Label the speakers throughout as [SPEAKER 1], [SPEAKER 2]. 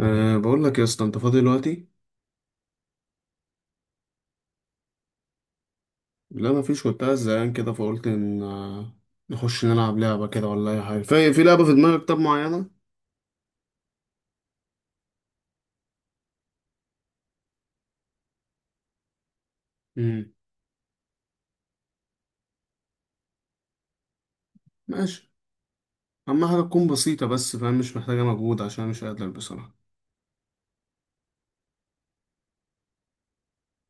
[SPEAKER 1] أه، بقول لك يا اسطى، انت فاضي دلوقتي؟ لا، ما فيش، كنت قاعد زهقان كده فقلت ان نخش نلعب لعبه كده ولا اي حاجه، في لعبه في دماغك طب معينه؟ امم ماشي. اهم حاجه تكون بسيطه بس، فاهم؟ مش محتاجه مجهود عشان أنا مش قادر بصراحه.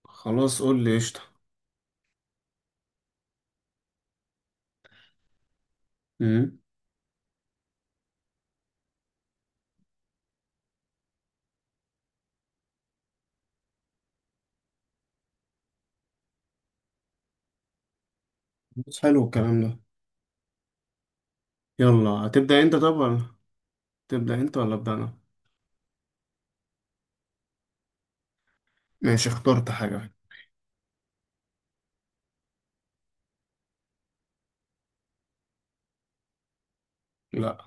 [SPEAKER 1] خلاص قول لي، قشطه. امم بس حلو الكلام ده. يلا، هتبدا انت طب ولا تبدا انت ولا ابدا انا؟ ماشي، اخترت حاجه. لا.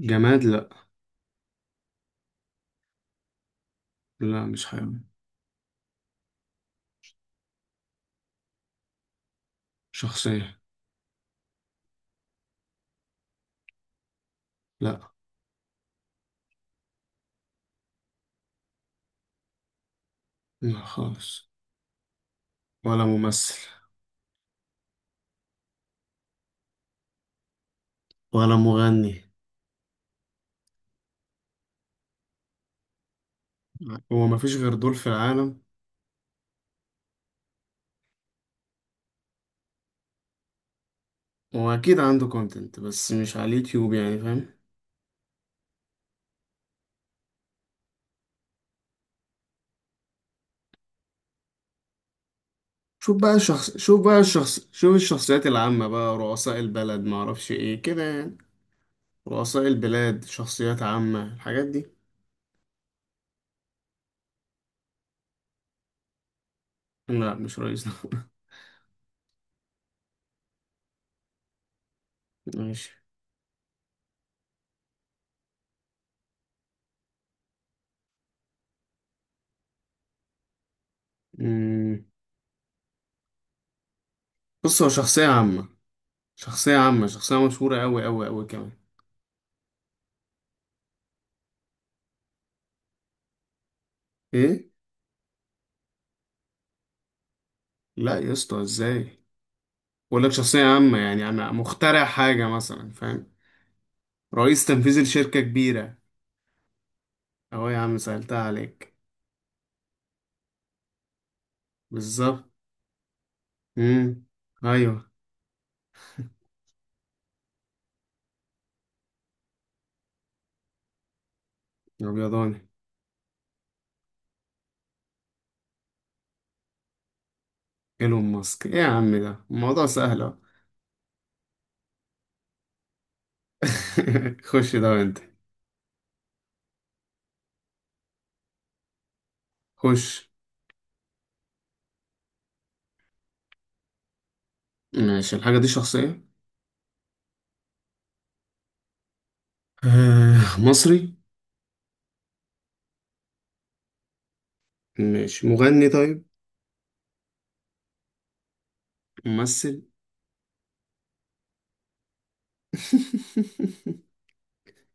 [SPEAKER 1] جماد؟ لا. لا، مش حاجه. شخصيه. لا. لا خالص. ولا ممثل. ولا مغني. هو مفيش غير دول في العالم؟ واكيد عنده كونتنت بس مش على اليوتيوب، يعني فاهم. شوف بقى الشخص، شوف الشخصيات العامة بقى، رؤساء البلد، معرفش ايه كده يعني، رؤساء البلاد، شخصيات عامة، الحاجات دي. لا مش رئيس ماشي. أمم، بص هو شخصية عامة، شخصية عامة، شخصية مشهورة أوي أوي أوي كمان. ايه؟ لا يا اسطى، ازاي؟ بقول لك شخصية عامة يعني مخترع حاجة مثلا، فاهم؟ رئيس تنفيذي لشركة كبيرة. اهو يا عم، سألتها عليك. بالظبط. امم. ايوه. الابيضاني. ايلون ماسك. ايه يا عم، ده الموضوع سهل اهو. خش ده وانت. خش. ماشي الحاجة دي شخصية. مصري؟ ماشي. مغني طيب؟ ممثل؟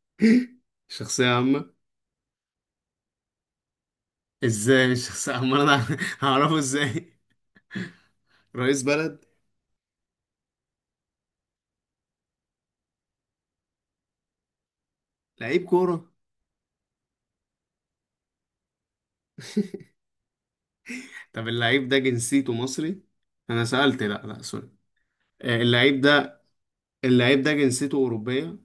[SPEAKER 1] شخصية عامة؟ ازاي مش شخصية عامة؟ انا هعرفه ازاي؟ رئيس بلد؟ لعيب كورة. طب اللعيب ده جنسيته مصري؟ انا سألت، لا لا، سوري. اللعيب ده، اللعيب ده جنسيته أوروبية.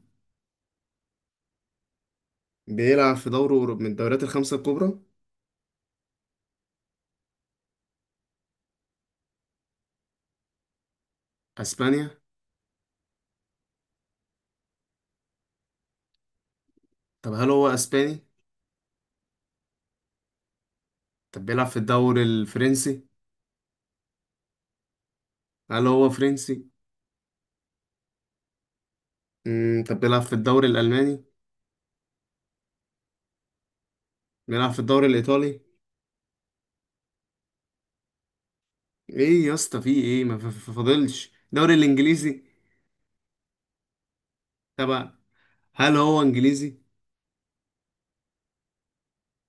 [SPEAKER 1] بيلعب في دوري أوروبي من الدوريات الخمسة الكبرى. أسبانيا؟ طب هل هو أسباني؟ طب بيلعب في الدوري الفرنسي؟ هل هو فرنسي؟ طب بيلعب في الدوري الألماني؟ بيلعب في الدوري الإيطالي؟ إيه يا اسطى، في إيه؟ ما فاضلش الدوري الإنجليزي؟ طب هل هو إنجليزي؟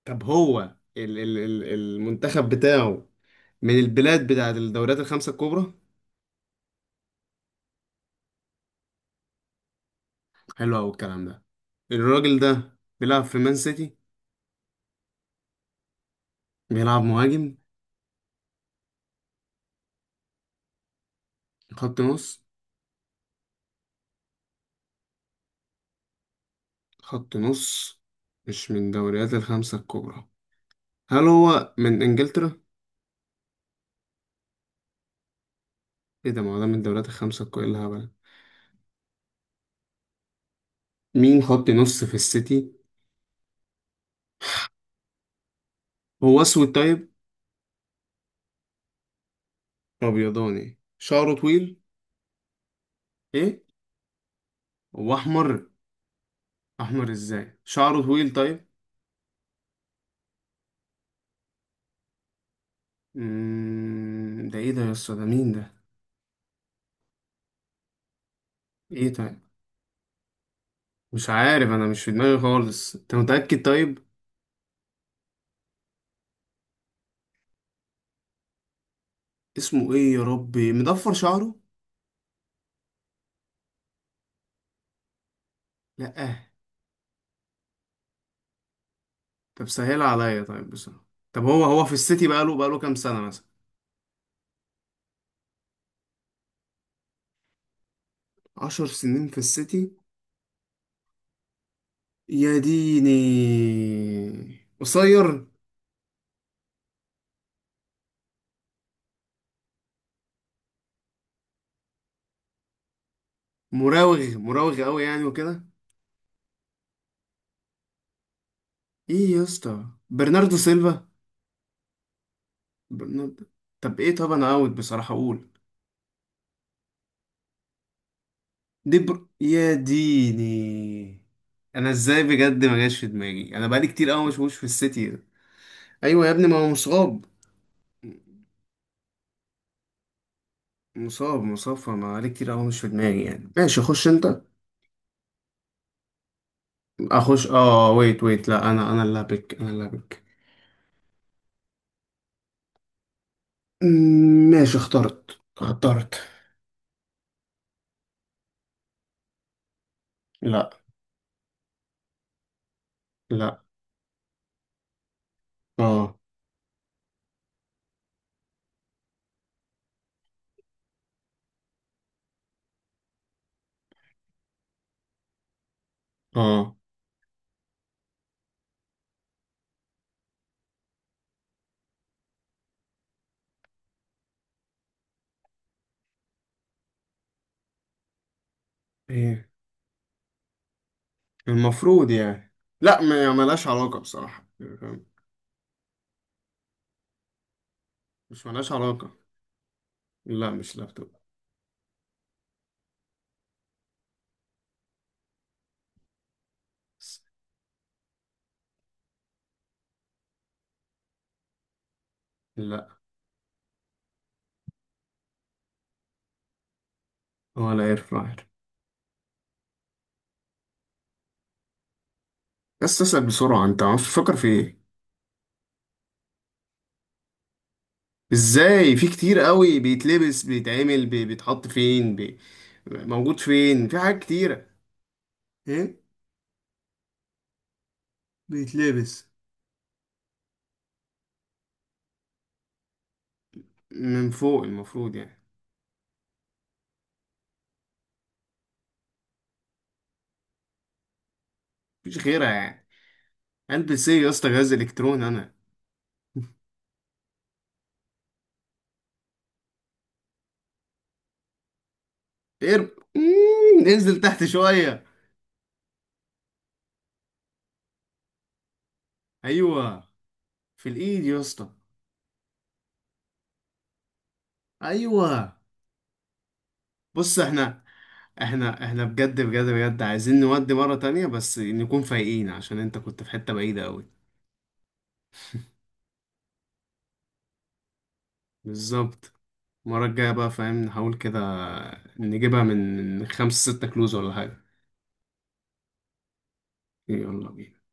[SPEAKER 1] طب هو ال المنتخب بتاعه من البلاد بتاعت الدوريات الخمسة الكبرى؟ حلو أوي الكلام ده. الراجل ده بيلعب في مان سيتي؟ بيلعب مهاجم؟ خط نص؟ خط نص. مش من الدوريات الخمسة الكبرى؟ هل هو من إنجلترا؟ إيه ده، ما هو ده من الدوريات الخمسة الكبرى، إيه الهبل؟ مين خط نص في السيتي؟ هو أسود طيب؟ أبيضاني، شعره طويل؟ إيه؟ هو أحمر؟ أحمر إزاي؟ شعره طويل طيب؟ ده إيه ده يا اسطى، ده مين ده؟ إيه طيب؟ مش عارف، أنا مش في دماغي خالص، أنت متأكد طيب؟ اسمه إيه يا ربي؟ مضفر شعره؟ لأ. طب سهل عليا طيب بصراحة. طب هو، هو في السيتي بقاله كام سنة مثلا؟ 10 سنين في السيتي؟ يا ديني. قصير. مراوغ مراوغ قوي يعني وكده. ايه يا اسطى، برناردو سيلفا؟ برناردو. طب ايه، طب انا اوت بصراحة اقول. يا ديني. انا ازاي بجد؟ ما جاش في دماغي انا، بقالي كتير قوي مش في السيتي. ايوه يا ابني، ما هو مصاب. مصاب مصاب، فما بقالي كتير قوي مش في دماغي يعني. ماشي، اخش انت. اخش. اه. ويت ويت. لا انا اللي هبك، انا اللي هبك. مم، ماشي، اخترت. لا. لا. اه. اه. ايه المفروض يعني؟ لا، ما ملهاش علاقة بصراحة. مش ملهاش علاقة. لا مش لابتوب. لا. ولا اير فراير. بس اسأل بسرعة، انت عارف تفكر في ايه؟ ازاي، في كتير قوي، بيتلبس، بيتعمل، بيتحط فين، موجود فين، في حاجات كتيرة. ايه. بيتلبس. من فوق المفروض يعني. مفيش غيرها يعني. البس ايه يا اسطى، جهاز الكترون انا. اير، انزل تحت شوية. ايوه. في الايد يا اسطى. ايوه. بص احنا، احنا بجد بجد بجد عايزين نودي مرة تانية بس نكون فايقين عشان انت كنت في حتة بعيدة قوي. بالظبط. المرة الجاية بقى فاهم، نحاول كده نجيبها من 5 6 كلوز ولا حاجة. يلا بينا.